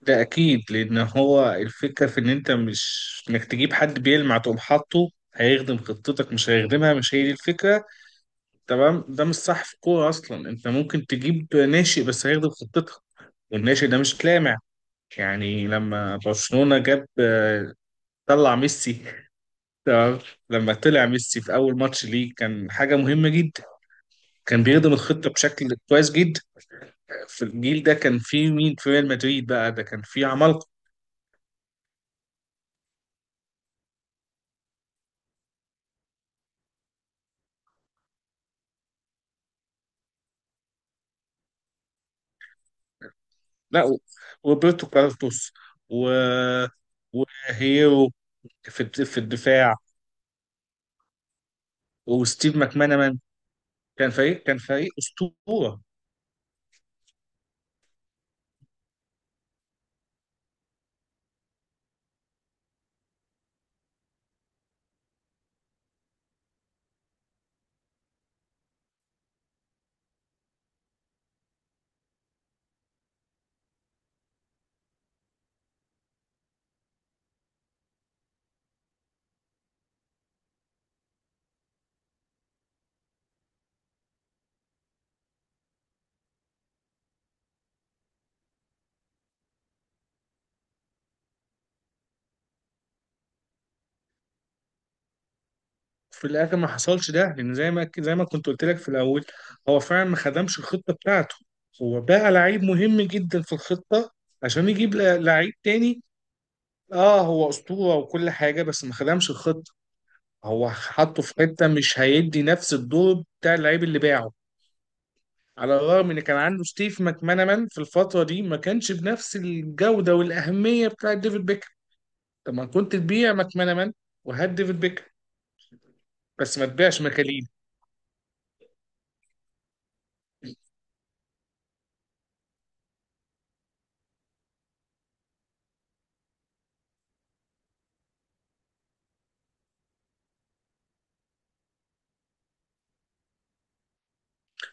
ده اكيد، لان هو الفكره في ان انت مش انك تجيب حد بيلمع تقوم حاطه هيخدم خطتك، مش هيخدمها، مش هي دي الفكره. تمام، ده مش صح في الكوره اصلا. انت ممكن تجيب ناشئ بس هيخدم خطتك، والناشئ ده مش لامع. يعني لما برشلونه جاب، طلع ميسي. تمام. لما طلع ميسي في اول ماتش ليه، كان حاجه مهمه جدا. كان بيخدم الخطه بشكل كويس جدا. في الجيل ده كان فيه مين في ريال مدريد؟ بقى ده كان فيه عمالقه. لا. وروبرتو كارلوس، و... وهيرو، في الدفاع. وستيف ماكمانامان، كان فريق اسطوره. في الاخر ما حصلش ده، لان زي ما كنت قلت لك في الاول، هو فعلا ما خدمش الخطه بتاعته. هو بقى لعيب مهم جدا في الخطه عشان يجيب لعيب تاني. اه، هو اسطوره وكل حاجه، بس ما خدمش الخطه. هو حطه في حته مش هيدي نفس الدور بتاع اللعيب اللي باعه، على الرغم ان كان عنده ستيف ماكمانامان في الفتره دي ما كانش بنفس الجوده والاهميه بتاعه ديفيد بيكهام. طب ما كنت تبيع ماكمانامان وهات ديفيد بيكهام، بس ما تبيعش مكاليل.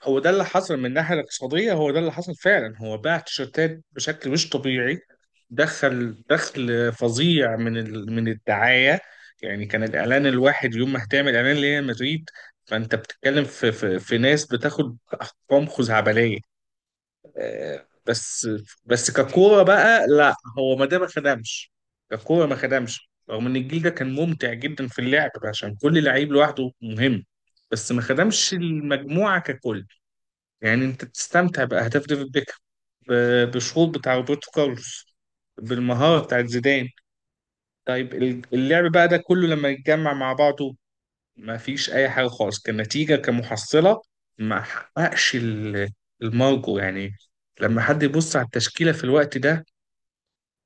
هو ده اللي حصل من الناحيه الاقتصاديه، هو ده اللي حصل فعلا. هو باع تيشيرتات بشكل مش طبيعي. دخل فظيع من الدعايه. يعني كان الاعلان الواحد يوم ما هتعمل اعلان لريال مدريد، فانت بتتكلم في ناس بتاخد ارقام خزعبليه. بس بس ككوره بقى، لا، هو ما، ده ما خدمش. ككوره ما خدمش، رغم ان الجيل ده كان ممتع جدا في اللعب عشان كل لعيب لوحده مهم، بس ما خدمش المجموعه ككل. يعني انت بتستمتع باهداف ديفيد بيكهام، بالشوط بتاع روبرتو كارلوس، بالمهاره بتاعت زيدان. طيب اللعب بقى ده كله لما يتجمع مع بعضه، ما فيش اي حاجه خالص كنتيجه كمحصله. ما حققش المرجو يعني. لما حد يبص على التشكيله في الوقت ده،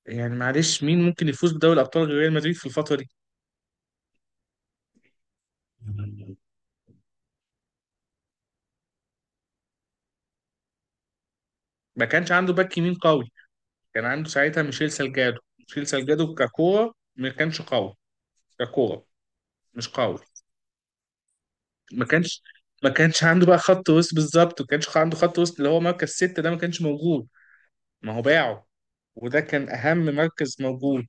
يعني معلش، مين ممكن يفوز بدوري الابطال غير ريال مدريد في الفتره دي؟ ما كانش عنده باك يمين قوي. كان عنده ساعتها ميشيل سالجادو. ميشيل سالجادو ككوره ما كانش قوي. ككوره مش قوي. ما كانش ما كانش عنده بقى خط وسط بالظبط، وما كانش عنده خط وسط اللي هو مركز ستة، ده ما كانش موجود. ما هو باعه، وده كان اهم مركز موجود.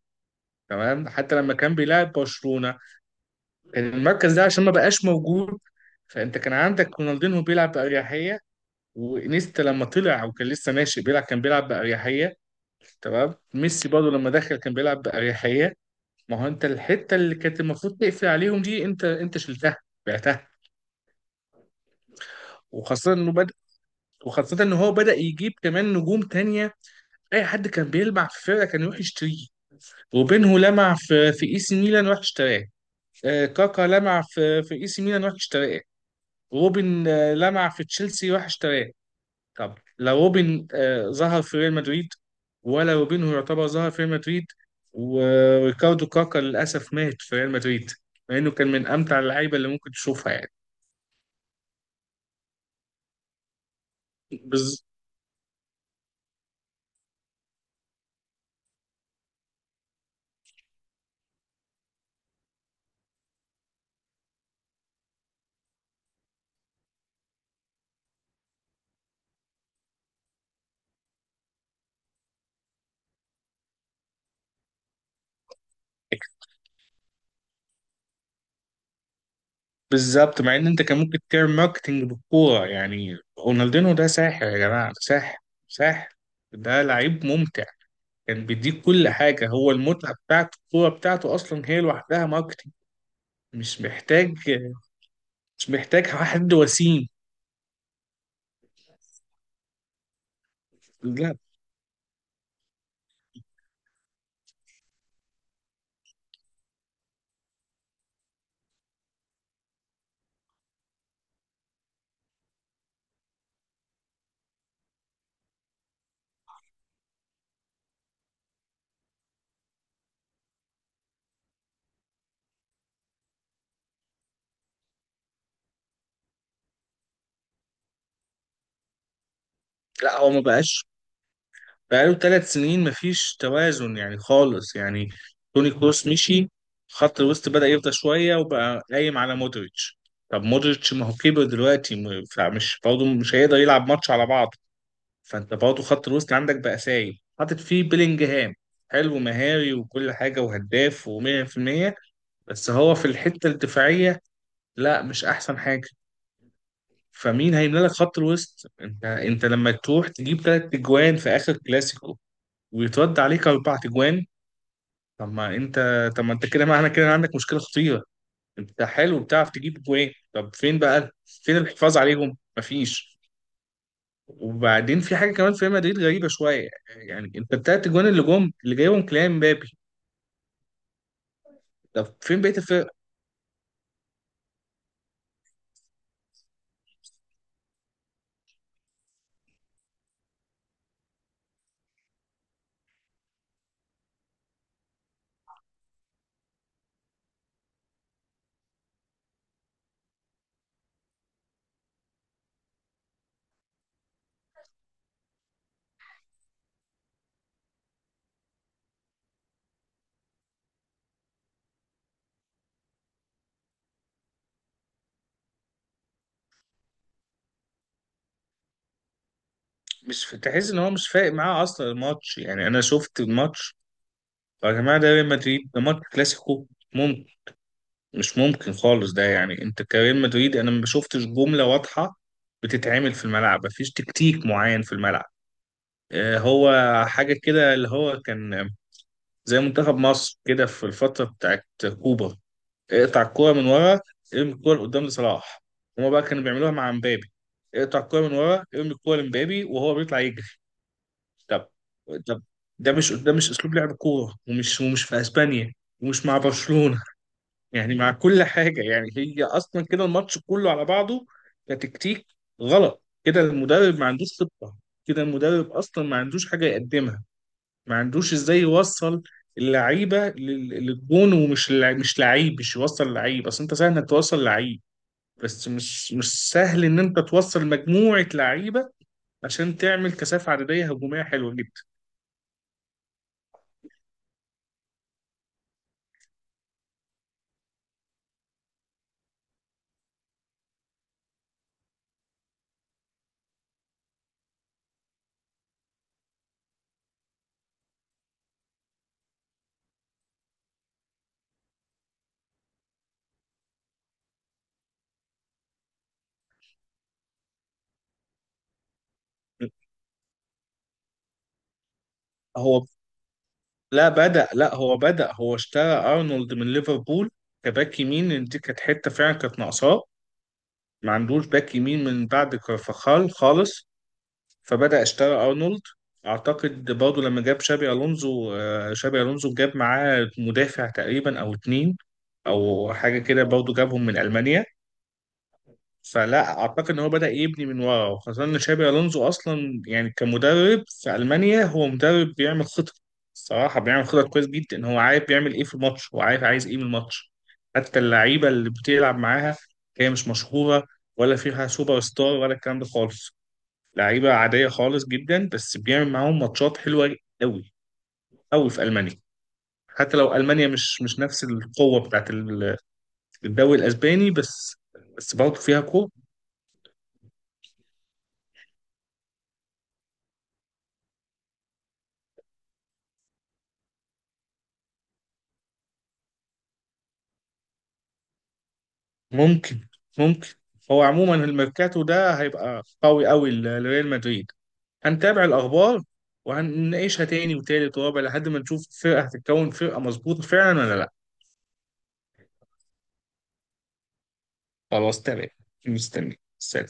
تمام، حتى لما كان بيلعب برشلونة كان المركز ده عشان ما بقاش موجود، فانت كان عندك رونالدينهو بيلعب بأريحية، وانيستا لما طلع وكان لسه ناشئ بيلعب كان بيلعب بأريحية. تمام، ميسي برضه لما دخل كان بيلعب بأريحية. ما هو انت الحتة اللي كانت المفروض تقفل عليهم دي، انت شلتها، بعتها. وخاصة انه بدأ وخاصة ان هو بدأ يجيب كمان نجوم تانية. اي حد كان بيلمع في فرقة كان يروح يشتريه. وبينه لمع في اي سي ميلان، راح اشتراه. كاكا لمع في اي سي ميلان، راح اشتراه. روبن لمع في تشيلسي، راح اشتراه. طب لا، روبن ظهر في ريال مدريد، ولا روبن هو يعتبر ظهر في ريال مدريد. وريكاردو كاكا للأسف مات في ريال مدريد، مع إنه كان من أمتع اللعيبة اللي ممكن تشوفها يعني. بز... بالظبط، مع إن أنت كان ممكن تعمل ماركتينج بالكورة. يعني رونالدينو ده ساحر، يا جماعة، ده ساحر. ساحر. ده لعيب ممتع. كان بيديك كل حاجة. هو المتعة بتاعته الكورة بتاعته أصلا هي لوحدها ماركتينج. مش محتاج. مش محتاج حد وسيم. لا، لا. هو ما بقاش، بقاله 3 سنين مفيش توازن يعني خالص يعني. توني كروس مشي، خط الوسط بدأ يفضى شوية وبقى قايم على مودريتش. طب مودريتش ما هو كبر دلوقتي، فمش برضه مش هيقدر يلعب ماتش على بعض. فانت برضه خط الوسط عندك بقى سايب، حاطط فيه بيلينجهام. حلو مهاري وكل حاجة وهداف و100%، بس هو في الحتة الدفاعية لا، مش أحسن حاجة. فمين هيملى لك خط الوسط؟ انت لما تروح تجيب ثلاث اجوان في اخر كلاسيكو، ويترد عليك اربع اجوان. طب ما انت طب ما انت كده، معنى كده عندك مشكله خطيره. انت حلو بتعرف تجيب اجوان، طب فين بقى؟ فين الحفاظ عليهم؟ مفيش. وبعدين في حاجه كمان في ريال مدريد غريبه شويه. يعني انت الثلاث اجوان اللي جم اللي جايبهم كلام مبابي. طب فين بقيه الفرق؟ مش تحس ان هو مش فارق معاه اصلا الماتش؟ يعني انا شفت الماتش، يا جماعه، ده ريال مدريد، ده ماتش كلاسيكو. مش ممكن خالص ده. يعني انت كريال مدريد، انا ما شفتش جمله واضحه بتتعمل في الملعب. مفيش تكتيك معين في الملعب. هو حاجه كده اللي هو كان زي منتخب مصر كده في الفتره بتاعت كوبا: اقطع الكوره من ورا، ارمي الكوره لقدام لصلاح. هما بقى كانوا بيعملوها مع مبابي: اقطع الكوره من ورا، ارمي الكوره لمبابي، وهو بيطلع يجري. طب طب، ده مش اسلوب لعب كوره، ومش في اسبانيا، ومش مع برشلونه. يعني مع كل حاجة. يعني هي أصلا كده الماتش كله على بعضه كتكتيك غلط. كده المدرب ما عندوش خطة، كده المدرب أصلا ما عندوش حاجة يقدمها، ما عندوش إزاي يوصل اللعيبة للجون، ومش لع- مش لعيب، مش يوصل لعيب. أصل أنت سهل إنك توصل لعيب، بس مش سهل إن أنت توصل مجموعة لعيبة عشان تعمل كثافة عددية هجومية حلوة جدا. هو، لا، بدأ. لا، هو بدأ. هو اشترى ارنولد من ليفربول كباك يمين، لأن دي كانت حته فعلا كانت ناقصاه. ما عندوش باك يمين من بعد كارفاخال خالص، فبدأ اشترى ارنولد. اعتقد برضه لما جاب شابي الونزو، شابي الونزو جاب معاه مدافع تقريبا او اتنين، او حاجه كده، برضه جابهم من المانيا. فلا اعتقد ان هو بدأ يبني من ورا، وخاصه ان شابي الونزو اصلا يعني كمدرب في المانيا هو مدرب بيعمل خطط. الصراحه بيعمل خطط كويس جدا، ان هو عارف بيعمل ايه في الماتش، هو عارف عايز ايه من الماتش. حتى اللعيبه اللي بتلعب معاها هي مش مشهوره، ولا فيها سوبر ستار ولا الكلام ده خالص. لعيبه عاديه خالص جدا، بس بيعمل معاهم ماتشات حلوه قوي. قوي في المانيا، حتى لو المانيا مش نفس القوه بتاعت الدوري الاسباني، بس بس برضه فيها كوره. ممكن، ممكن. هو عموما الميركاتو ده هيبقى قوي قوي لريال مدريد. هنتابع الاخبار وهنناقشها تاني وتالت ورابع لحد ما نشوف الفرقه هتتكون فرقه مظبوطه فعلا ولا لا. خلاص، تمام. مستني. سلام.